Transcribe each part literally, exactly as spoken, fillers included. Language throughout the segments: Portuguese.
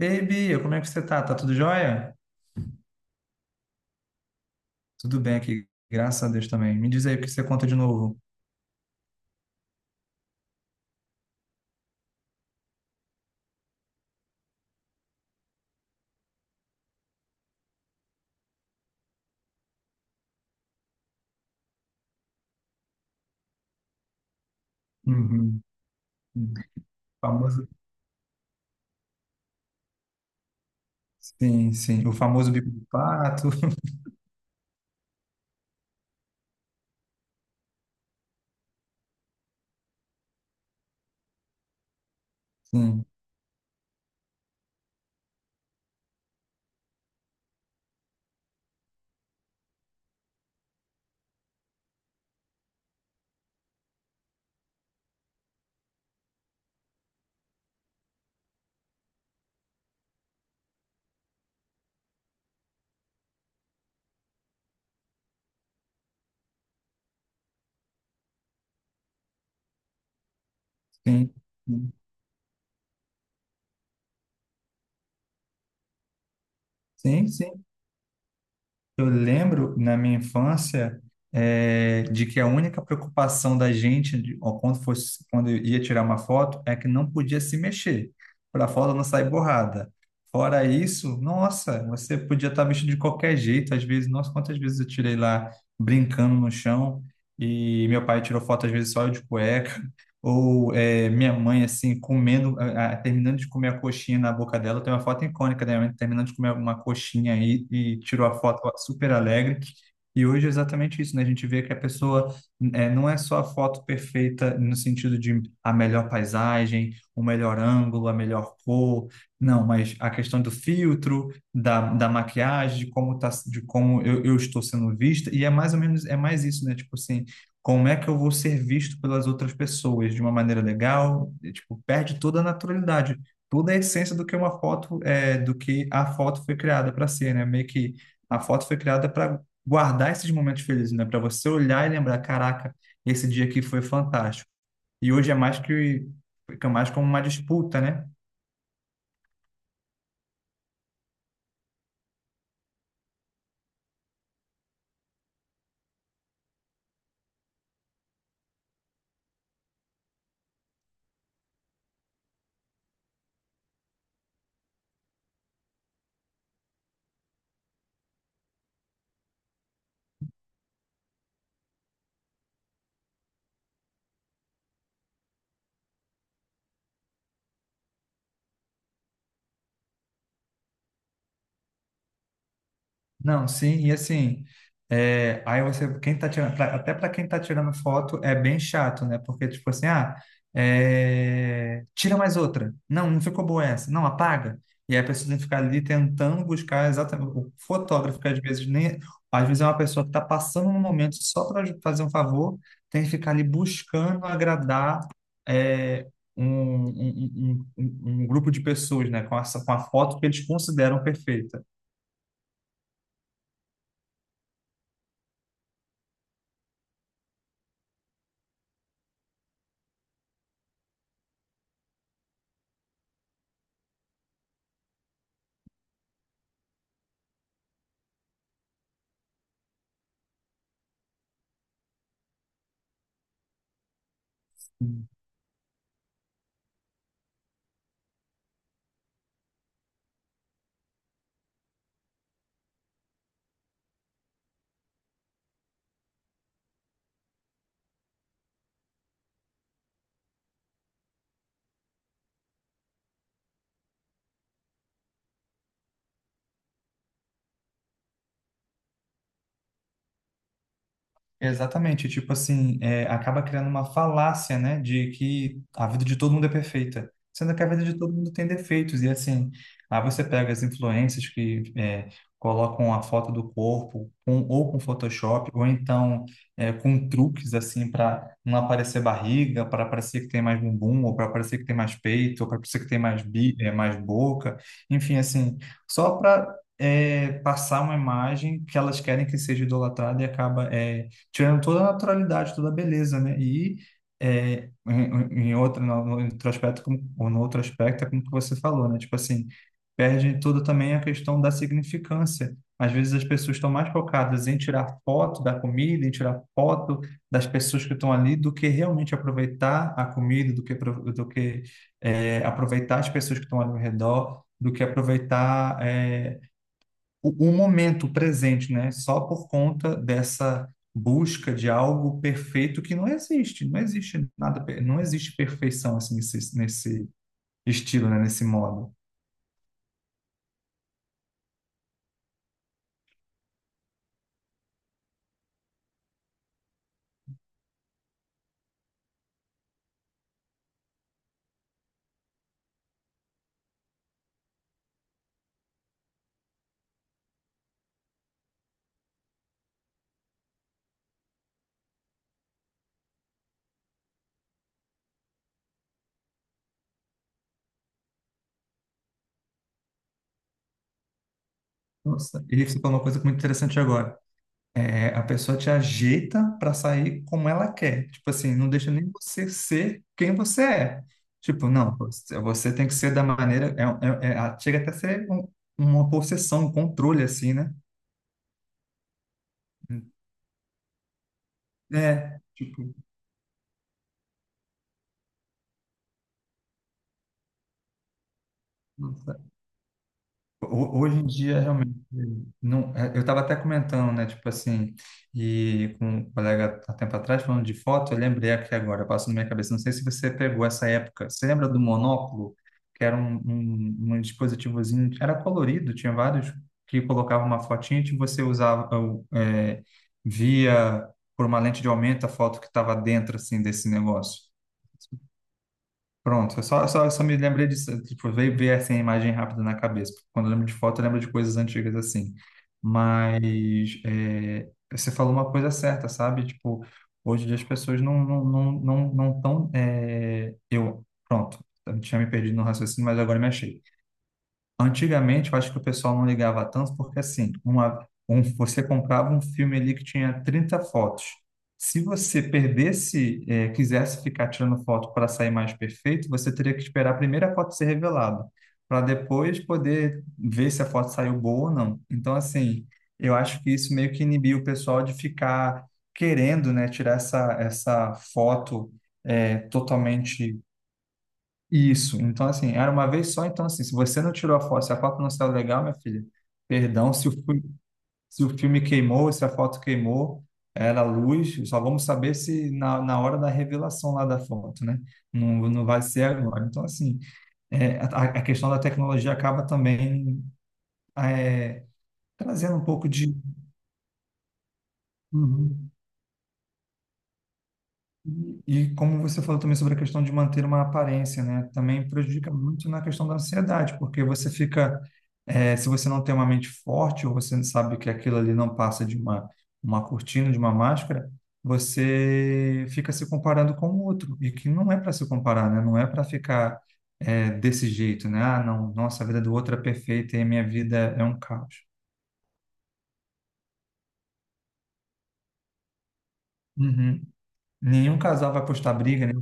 Ei, Bia, como é que você tá? Tá tudo jóia? Tudo bem aqui, graças a Deus também. Me diz aí o que você conta de novo. Uhum. Famoso. Sim, sim. O famoso bico do pato. Sim, sim. Sim, sim. sim, Eu lembro na minha infância eh, de que a única preocupação da gente de- ó, quando fosse quando eu ia tirar uma foto é que não podia se mexer para a foto não sair borrada. Fora isso, nossa, você podia estar vestido de qualquer jeito. Às vezes, nossa, quantas vezes eu tirei lá brincando no chão e meu pai tirou foto às vezes só eu de cueca. Ou é, minha mãe, assim, comendo, a- a- terminando de comer a coxinha na boca dela. Tem uma foto icônica da minha mãe terminando de comer uma coxinha aí e tirou a foto super alegre. E hoje é exatamente isso, né? A gente vê que a pessoa é, não é só a foto perfeita no sentido de a melhor paisagem, o melhor ângulo, a melhor cor, não, mas a questão do filtro, da, da maquiagem, de como tá, de como eu, eu estou sendo vista, e é mais ou menos, é mais isso, né? Tipo assim, como é que eu vou ser visto pelas outras pessoas de uma maneira legal, e, tipo, perde toda a naturalidade, toda a essência do que uma foto é, do que a foto foi criada para ser, né? Meio que a foto foi criada para guardar esses momentos felizes, né? Para você olhar e lembrar, caraca, esse dia aqui foi fantástico. E hoje é mais que fica mais como uma disputa, né? Não, sim, e assim, é, aí você, quem tá tirando, pra- até para quem tá tirando foto é bem chato, né? Porque, tipo assim, ah, é, tira mais outra. Não, não ficou boa essa. Não, apaga. E aí a pessoa tem que ficar ali tentando buscar exatamente. O fotógrafo, que às vezes nem. Às vezes é uma pessoa que tá passando um momento só para fazer um favor, tem que ficar ali buscando agradar. é, Um, um, um, um um um grupo de pessoas, né, com, essa, com a foto que eles consideram perfeita. Exatamente, tipo assim, é, acaba criando uma falácia, né, de que a vida de todo mundo é perfeita, sendo que a vida de todo mundo tem defeitos, e assim, aí você pega as influências que é, colocam a foto do corpo, com, ou com Photoshop, ou então é, com truques, assim, para não aparecer barriga, para parecer que tem mais bumbum, ou para parecer que tem mais peito, ou para parecer que tem mais, bi, é, mais boca, enfim, assim, só para... passar uma imagem que elas querem que seja idolatrada e acaba é, tirando toda a naturalidade, toda a beleza, né? E é, em, em outro, no, no outro aspecto, como, ou no outro aspecto, é como que você falou, né? Tipo assim, perde toda também a questão da significância. Às vezes as pessoas estão mais focadas em tirar foto da comida, em tirar foto das pessoas que estão ali, do que realmente aproveitar a comida, do que, apro- do que é, aproveitar as pessoas que estão ali ao redor, do que aproveitar é, o, o momento presente, né? Só por conta dessa busca de algo perfeito que não existe, não existe nada, per- não existe perfeição assim nesse, nesse estilo, né? Nesse modo. Nossa, e você falou uma coisa muito interessante agora. É, a pessoa te ajeita para sair como ela quer. Tipo assim, não deixa nem você ser quem você é. Tipo, não, você você tem que ser da maneira. É, é, é, a- chega até a ser um- uma possessão, um controle, assim, né? É, tipo, Ho- Hoje em dia, realmente, não, é, eu estava até comentando, né, tipo assim, e com um colega há tempo atrás, falando de foto, eu lembrei aqui agora, passou na minha cabeça, não sei se você pegou essa época, você lembra do monóculo, que era um, um, um dispositivozinho, era colorido, tinha vários, que colocava uma fotinha e você usava, é, via por uma lente de aumento a foto que estava dentro, assim, desse negócio. Pronto, eu só, só, só me lembrei disso, tipo, veio ver assim a imagem rápida na cabeça. Quando eu lembro de foto, eu lembro de coisas antigas assim. Mas é, você falou uma coisa certa, sabe? Tipo, hoje em dia as pessoas não não não não, não tão é, eu pronto, eu tinha me perdido no raciocínio, mas agora me achei. Antigamente, eu acho que o pessoal não ligava tanto, porque assim, uma, um, você comprava um filme ali que tinha trinta fotos. Se você perdesse, eh, quisesse ficar tirando foto para sair mais perfeito, você teria que esperar a primeira foto ser revelada, para depois poder ver se a foto saiu boa ou não. Então, assim, eu acho que isso meio que inibiu o pessoal de ficar querendo, né, tirar essa, essa foto, eh, totalmente isso, então assim, era uma vez só, então assim, se você não tirou a foto, se a foto não saiu legal, minha filha, perdão, se o, fi- se o filme queimou, se a foto queimou, era luz, só vamos saber se na, na hora da revelação lá da foto, né? Não, não vai ser agora. Então assim, é, a, a questão da tecnologia acaba também é, trazendo um pouco de... Uhum. E como você falou também sobre a questão de manter uma aparência, né? Também prejudica muito na questão da ansiedade, porque você fica, eh, se você não tem uma mente forte, ou você sabe que aquilo ali não passa de uma, uma cortina, de uma máscara, você fica se comparando com o outro, e que não é para se comparar, né? Não é para ficar, eh, desse jeito, né? Ah, não, nossa, a vida do outro é perfeita e a minha vida é um caos. Uhum. Nenhum casal vai postar briga, né?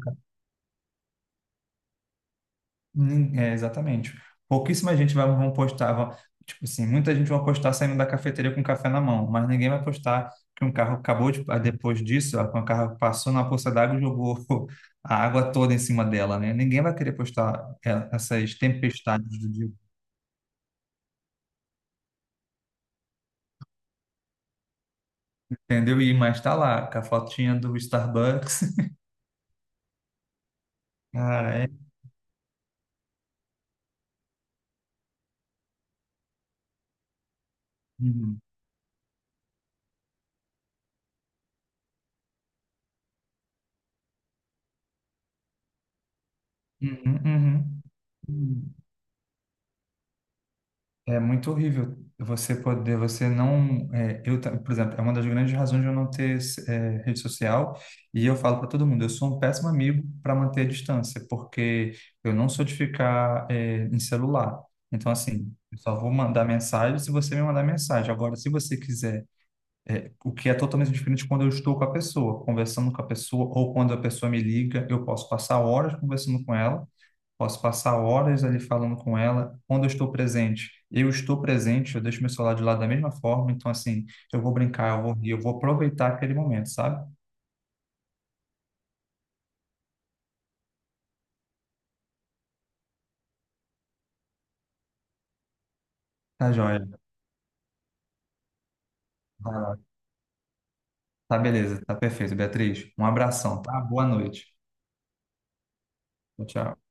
Nin- É, exatamente. Pouquíssima gente vai, vão postar, vão- tipo assim, muita gente vai postar saindo da cafeteria com café na mão, mas ninguém vai postar que um carro acabou de, ah, depois disso, ó, que um carro passou na poça d'água e jogou a água toda em cima dela, né? Ninguém vai querer postar é, essas tempestades do dia, entendeu? E mas tá lá, com a fotinha do Starbucks. Cara, é. Uhum, uhum, uhum. Uhum. É muito horrível você poder, você não, é, eu, ta- por exemplo, é uma das grandes razões de eu não ter é, rede social, e eu falo para todo mundo, eu sou um péssimo amigo para manter a distância, porque eu não sou de ficar é, em celular. Então, assim, eu só vou mandar mensagem se você me mandar mensagem. Agora, se você quiser, é, o que é totalmente diferente quando eu estou com a pessoa, conversando com a pessoa, ou quando a pessoa me liga, eu posso passar horas conversando com ela, Posso passar horas ali falando com ela. Quando eu estou presente, eu estou presente, eu deixo meu celular de lado da mesma forma. Então, assim, eu vou brincar, eu vou rir, eu vou aproveitar aquele momento, sabe? Tá joia. Vai lá. Tá beleza, tá perfeito, Beatriz. Um abração, tá? Boa noite. Tchau, tchau.